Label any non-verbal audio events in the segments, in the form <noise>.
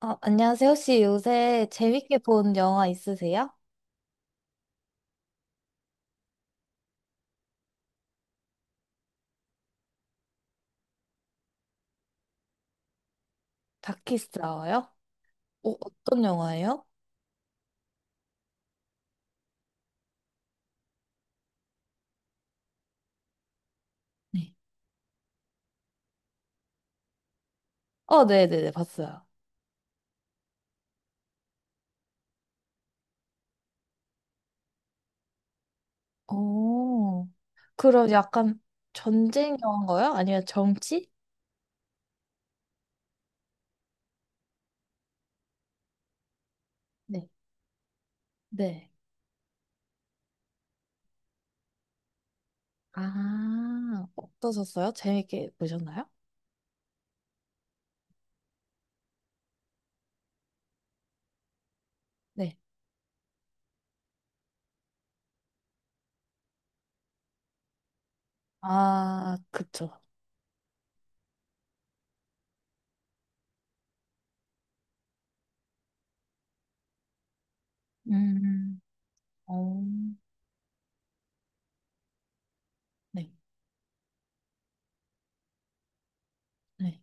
안녕하세요. 혹시 요새 재밌게 본 영화 있으세요? 다키스라워요? 어떤 영화예요? 네. 네네네, 봤어요. 오, 그럼 약간 전쟁 영화인가요? 아니면 정치? 네. 네. 아, 어떠셨어요? 재밌게 보셨나요? 네. 아, 그쵸. 음, 어, 네. 네.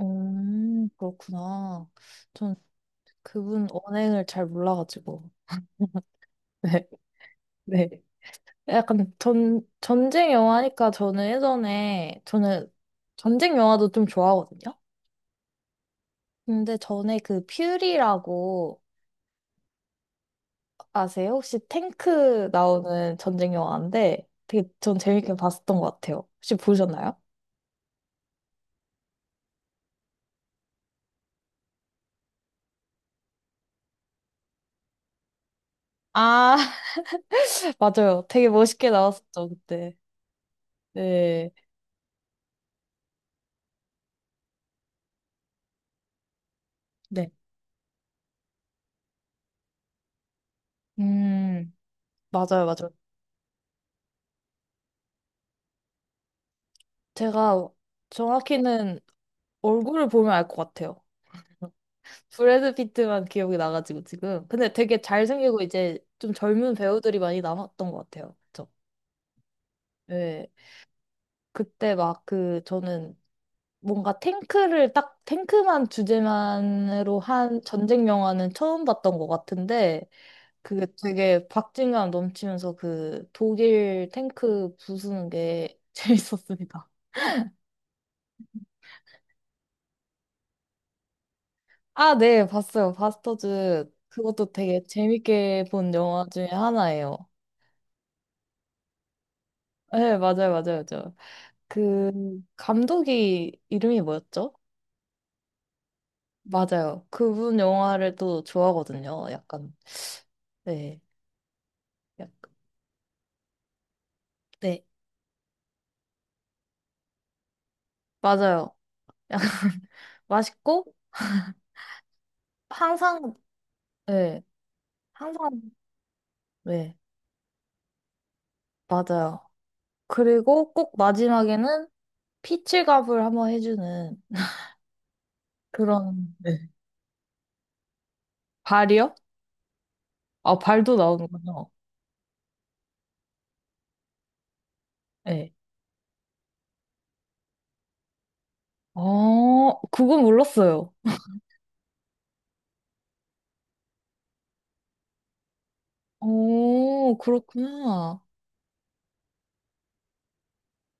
그렇구나. 전 그분 언행을 잘 몰라가지고. <laughs> 네. 네. 약간 전쟁 영화니까 저는 예전에, 저는 전쟁 영화도 좀 좋아하거든요? 근데 전에 그 퓨리라고 아세요? 혹시 탱크 나오는 전쟁 영화인데 되게 전 재밌게 봤었던 것 같아요. 혹시 보셨나요? 아, <laughs> 맞아요. 되게 멋있게 나왔었죠, 그때. 네. 네. 음, 맞아요, 맞아요. 제가 정확히는 얼굴을 보면 알 것 같아요. 브래드 피트만 기억이 나가지고 지금. 근데 되게 잘생기고 이제 좀 젊은 배우들이 많이 남았던 것 같아요. 그쵸? 네. 그때 막 그 저는 뭔가 탱크를 딱 탱크만 주제만으로 한 전쟁 영화는 처음 봤던 것 같은데 그게 되게 박진감 넘치면서 그 독일 탱크 부수는 게 <laughs> 재밌었습니다. 아, 네, 봤어요. 바스터즈 그것도 되게 재밌게 본 영화 중에 하나예요. 네, 맞아요, 맞아요, 맞아요. 그 감독이 이름이 뭐였죠? 맞아요. 그분 영화를 또 좋아하거든요. 약간 네, 약 네, 맞아요. <laughs> 맛있고 항상 네, 항상 네, 맞아요. 그리고 꼭 마지막에는 피칠갑을 한번 해주는 그런 네. 발이요? 아 발도 나오는군요. 네. 그건 몰랐어요. 오, 그렇구나.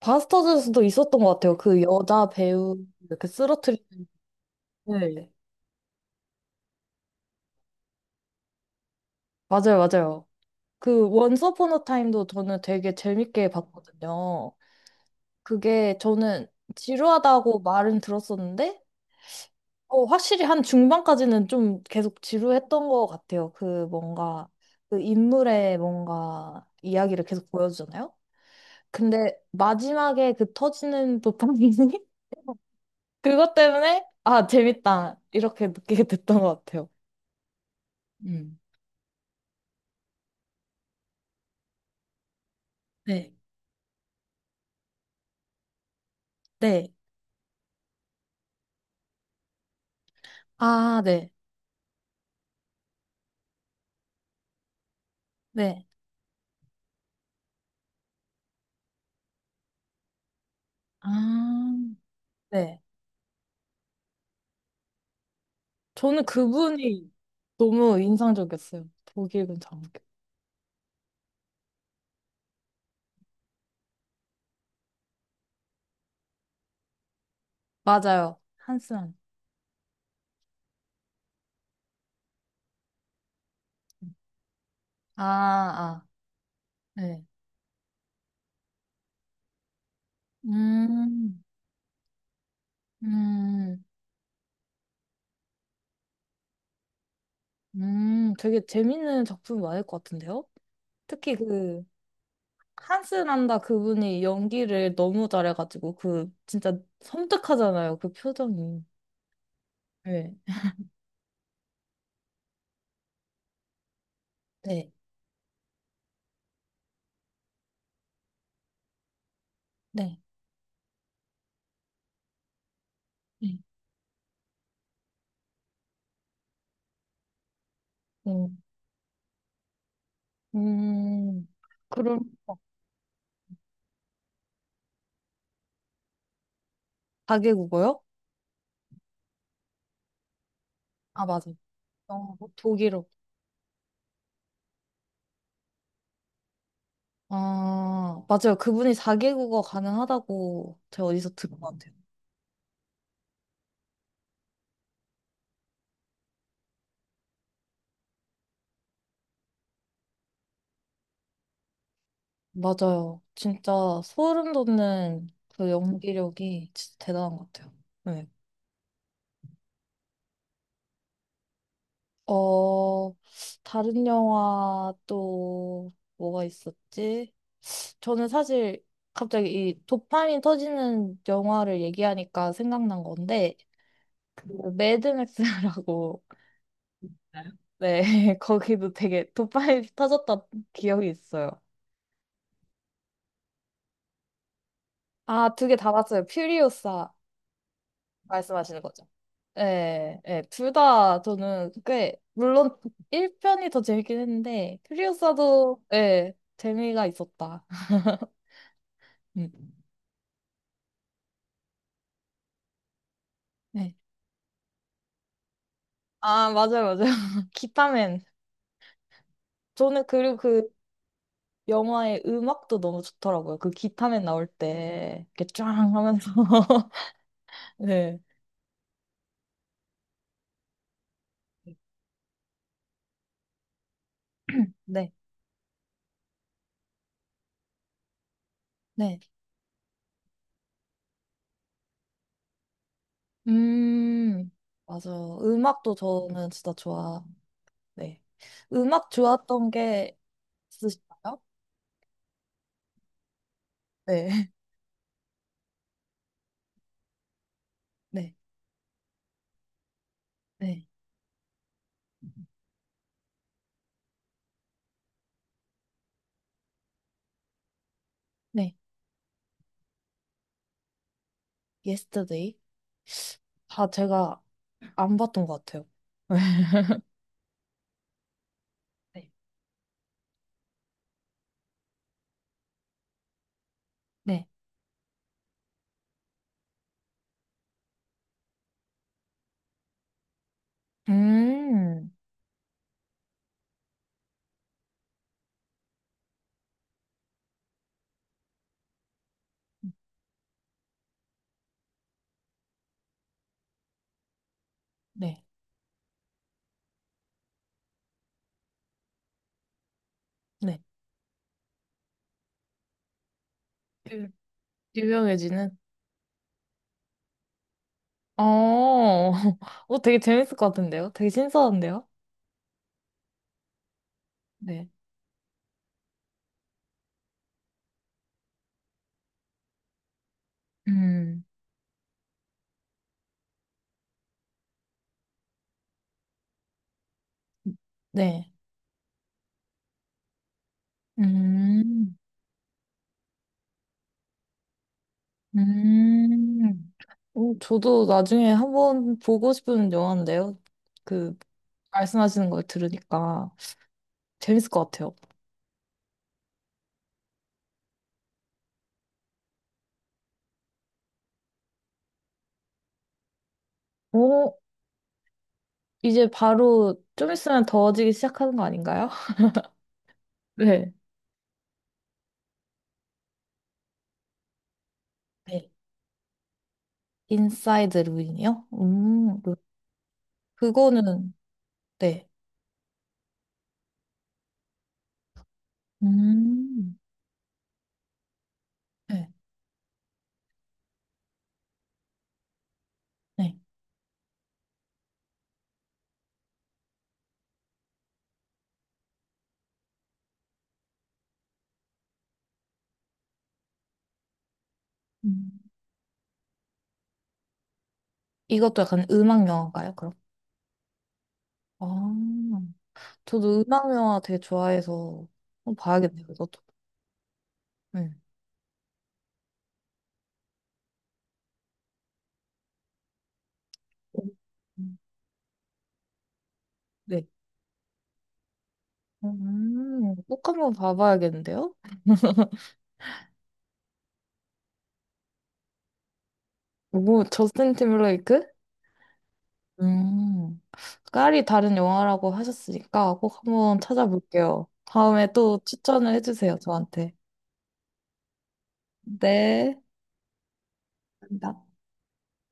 바스터즈에서도 있었던 것 같아요. 그 여자 배우 이렇게 쓰러트리는. 네. 맞아요, 맞아요. 그 원스 어폰 어 타임도 저는 되게 재밌게 봤거든요. 그게 저는 지루하다고 말은 들었었는데, 확실히 한 중반까지는 좀 계속 지루했던 것 같아요. 그 뭔가, 그 인물의 뭔가 이야기를 계속 보여주잖아요. 근데 마지막에 그 터지는 도파민이 <laughs> 그것 때문에, 아, 재밌다. 이렇게 느끼게 됐던 것 같아요. 음. 네, 네. 아, 네, 네, 아, 네. 저는 그분이 너무 인상적이었어요. 독일 군장교. 맞아요. 한스란. 아, 아, 네. 음, 음, 되게 재밌는 작품이 많을 것 같은데요? 특히 그, 한스 난다 그분이 연기를 너무 잘해가지고, 그, 진짜 섬뜩하잖아요. 그 표정이. 네, 네, 네. 네. 음, 음. 그럼 4개국어요? 아, 맞아. 독일어. 아, 맞아요. 그분이 4개국어 가능하다고 제가 어디서 들은 것 같아요. 맞아요. 진짜 소름 돋는 그 연기력이 진짜 대단한 것 같아요. 네. 어, 다른 영화 또 뭐가 있었지? 저는 사실 갑자기 이 도파민 터지는 영화를 얘기하니까 생각난 건데, 그 매드맥스라고 네, <laughs> 거기도 되게 도파민 터졌던 기억이 있어요. 아, 두 개 다 봤어요. 퓨리오사 말씀하시는 거죠? 네, 네, 둘 다 저는 꽤, 물론 1편이 더 재밌긴 했는데, 퓨리오사도, 네, 재미가 있었다. 음, 네. 아, 맞아요, 맞아요. <laughs> 기타맨. 저는 그리고 그 영화의 음악도 너무 좋더라고요. 그 기타맨 나올 때, 이렇게 쫙 하면서. <laughs> 네, 네, 네. 음, 맞아요. 음악도 저는 진짜 좋아. 네. 음악 좋았던 게 있으신가요? 네. <laughs> 네. 네. 네. Yesterday. 다 제가 안 봤던 것 같아요. <laughs> 네. 네. 음. 네. 네. 유- 유명해지는? 어, <laughs> 되게 재밌을 것 같은데요? 되게 신선한데요? 네. 음. 네. 음. 음. 오, 저도 나중에 한번 보고 싶은 영화인데요. 그, 말씀하시는 걸 들으니까 재밌을 것 같아요. 오, 이제 바로 좀 있으면 더워지기 시작하는 거 아닌가요? <laughs> 네. 네. 인사이드 루인이요? 그거는, 네. 음, 네, 네. 음. 이것도 약간 음악 영화인가요, 그럼? 아, 저도 음악 영화 되게 좋아해서 한번 봐야겠네요, 이것도. 네. 음, 네. 꼭 한번 봐봐야겠는데요? 뭐, 저스틴 팀블레이크 음, 깔이 다른 영화라고 하셨으니까 꼭 한번 찾아볼게요. 다음에 또 추천을 해주세요, 저한테. 네. 감사합니다.